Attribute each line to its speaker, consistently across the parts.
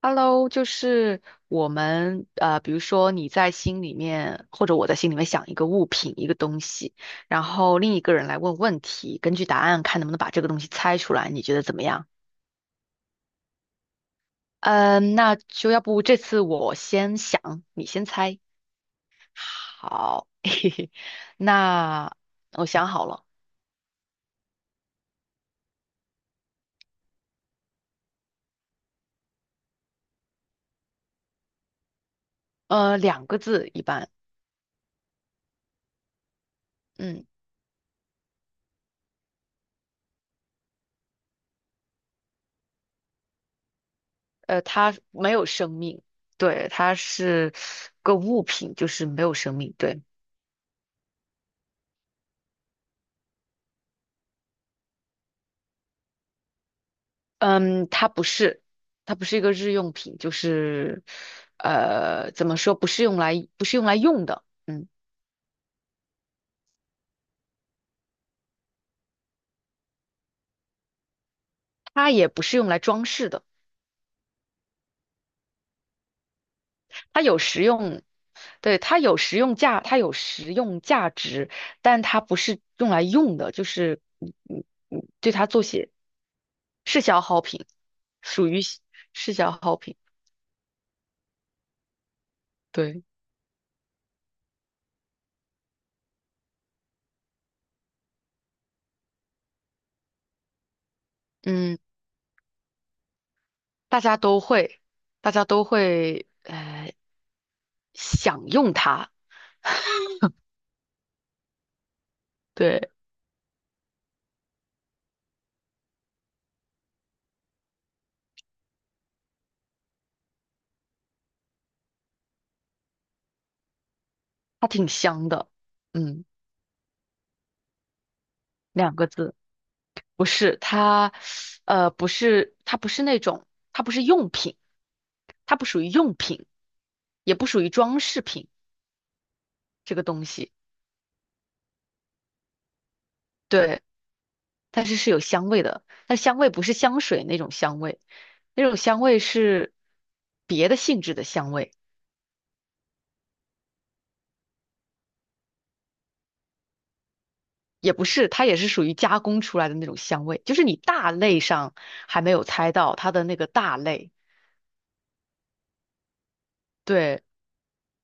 Speaker 1: Hello，就是我们比如说你在心里面，或者我在心里面想一个物品、一个东西，然后另一个人来问问题，根据答案看能不能把这个东西猜出来，你觉得怎么样？嗯，那就要不这次我先想，你先猜。好，嘿嘿，那我想好了，呃，两个字一般，嗯，呃，它没有生命，对，它是个物品，就是没有生命，对。嗯，它不是，它不是一个日用品，就是，呃，怎么说，不是用来用的，嗯，它也不是用来装饰的，它有实用，对，它有实用价值，但它不是用来用的，对它做些是消耗品，属于是消耗品，对，嗯，大家都会，大家都会享用它，对。它挺香的，嗯，两个字，不是它，不是那种，它不是用品，它不属于用品，也不属于装饰品这个东西，对，但是是有香味的，但香味不是香水那种香味，那种香味是别的性质的香味，也不是，它也是属于加工出来的那种香味，就是你大类上还没有猜到它的那个大类，对。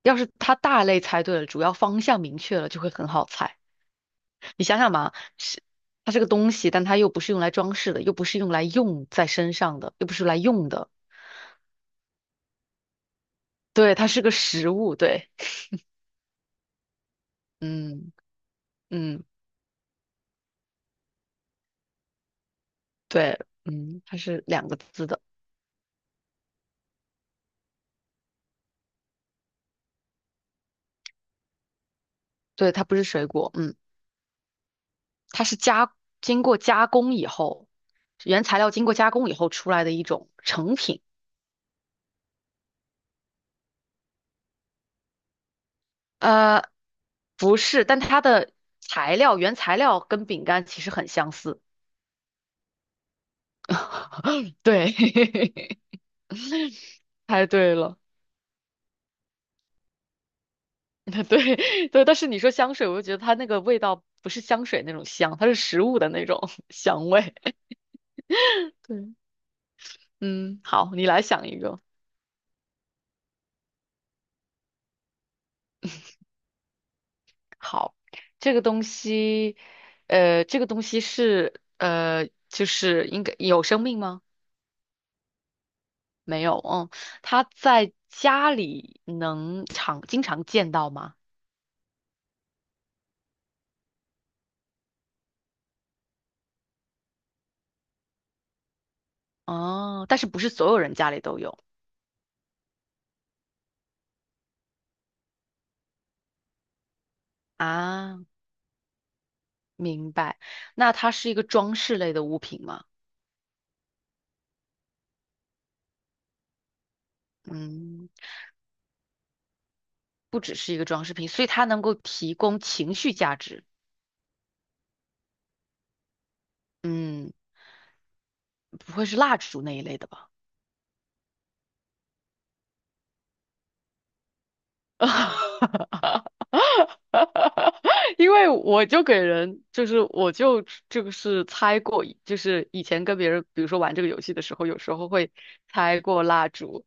Speaker 1: 要是它大类猜对了，主要方向明确了，就会很好猜。你想想嘛，是它是个东西，但它又不是用来装饰的，又不是用来用在身上的，又不是来用的。对，它是个食物。对，嗯嗯，对，嗯，它是两个字的。对，它不是水果。嗯，它是加经过加工以后，原材料经过加工以后出来的一种成品。呃，不是，但它的原材料跟饼干其实很相似。对，猜对了，对对，但是你说香水，我就觉得它那个味道不是香水那种香，它是食物的那种 香味。对，嗯，好，你来想一个。好，这个东西，就是应该有生命吗？没有，嗯，它在家里能经常见到吗？哦，但是不是所有人家里都有啊？明白。那它是一个装饰类的物品吗？嗯。不只是一个装饰品，所以它能够提供情绪价值。嗯，不会是蜡烛那一类的吧？因为我就给人，就是我就这个是猜过，就是以前跟别人，比如说玩这个游戏的时候，有时候会猜过蜡烛，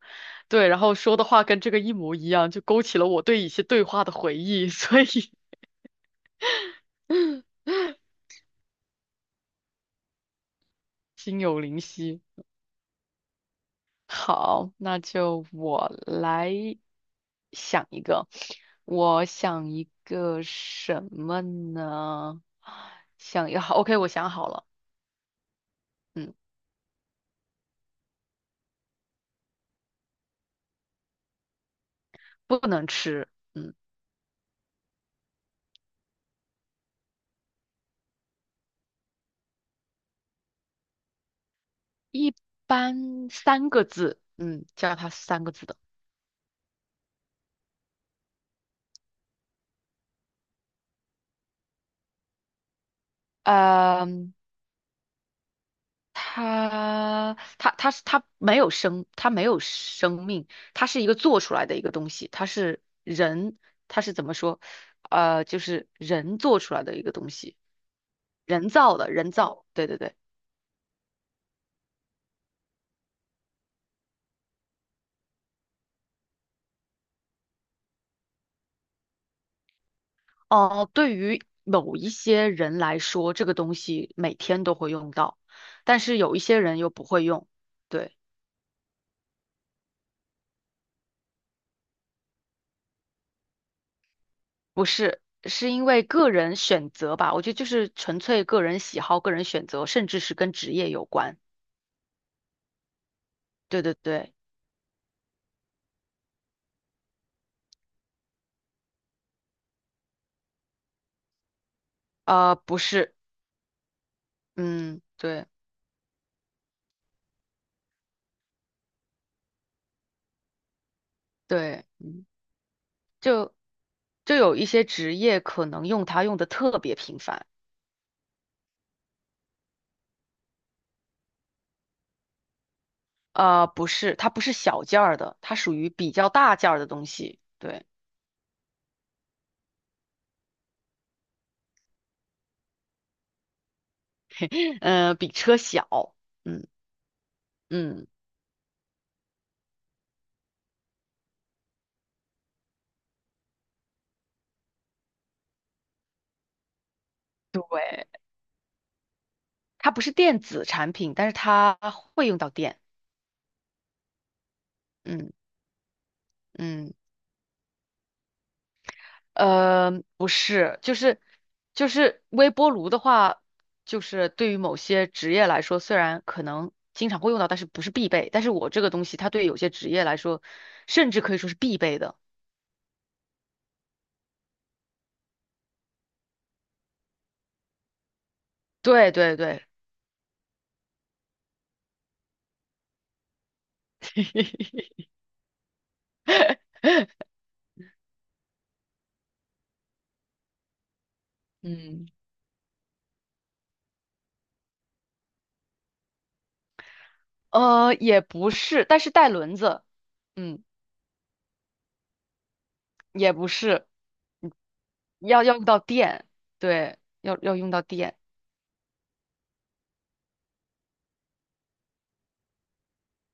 Speaker 1: 对，然后说的话跟这个一模一样，就勾起了我对一些对话的回忆，所以 心有灵犀。好，那就我来想一个，我想一个什么呢？想要，OK，我想好了，嗯，不能吃，嗯，一般三个字，嗯，叫它三个字的，呃它它它是它没有生，它没有生命，它是一个做出来的一个东西，它是人，它是怎么说？呃，就是人做出来的一个东西，人造的，对。哦、对于某一些人来说，这个东西每天都会用到，但是有一些人又不会用，对，不是。是因为个人选择吧，我觉得就是纯粹个人喜好、个人选择，甚至是跟职业有关。对。呃，不是，嗯，对，嗯，就就有一些职业可能用它用的特别频繁，呃，不是，它不是小件儿的，它属于比较大件儿的东西，对，呃，比车小，嗯嗯，对，它不是电子产品，但是它会用到电，嗯嗯。呃，不是，就是微波炉的话，就是对于某些职业来说，虽然可能经常会用到，但是不是必备。但是我这个东西，它对有些职业来说，甚至可以说是必备的。对，嗯，呃，也不是，但是带轮子，嗯，也不是，要用到电，对，要用到电，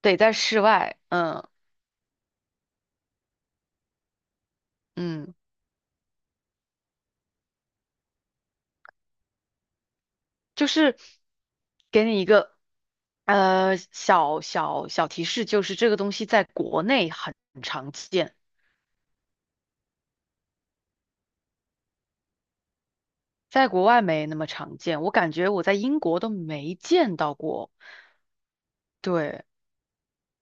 Speaker 1: 得在室外，嗯。就是给你一个呃小提示，就是这个东西在国内很常见，在国外没那么常见。我感觉我在英国都没见到过。对，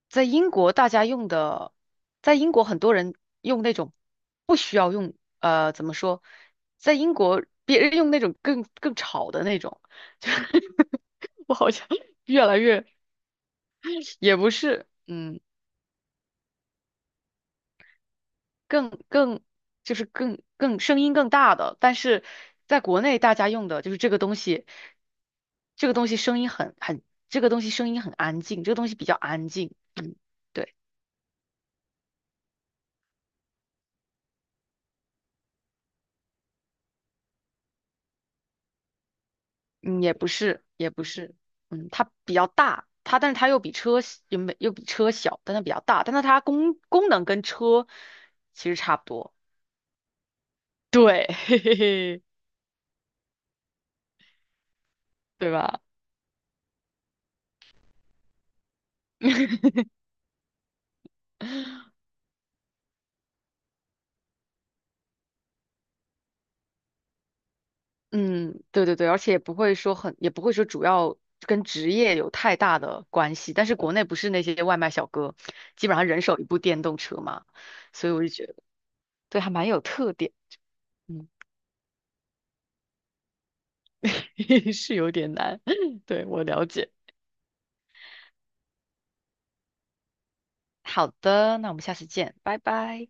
Speaker 1: 在英国大家用的，在英国很多人用那种不需要用呃怎么说，在英国别人用那种更吵的那种，就是我好像越来越也不是，嗯。更更就是更更声音更大的，但是在国内大家用的就是这个东西，这个东西声音很很，这个东西声音很安静，这个东西比较安静，嗯，对，嗯，也不是，嗯，它比较大，它但是它又比车小又没又比车小，但它比较大，但是它功能跟车其实差不多，对，嘿嘿嘿，对吧？嗯，对，而且也不会说很，也不会说主要跟职业有太大的关系。但是国内不是那些外卖小哥，基本上人手一部电动车嘛，所以我就觉得对，还蛮有特点。嗯，是有点难，对，我了解。好的，那我们下次见，拜拜。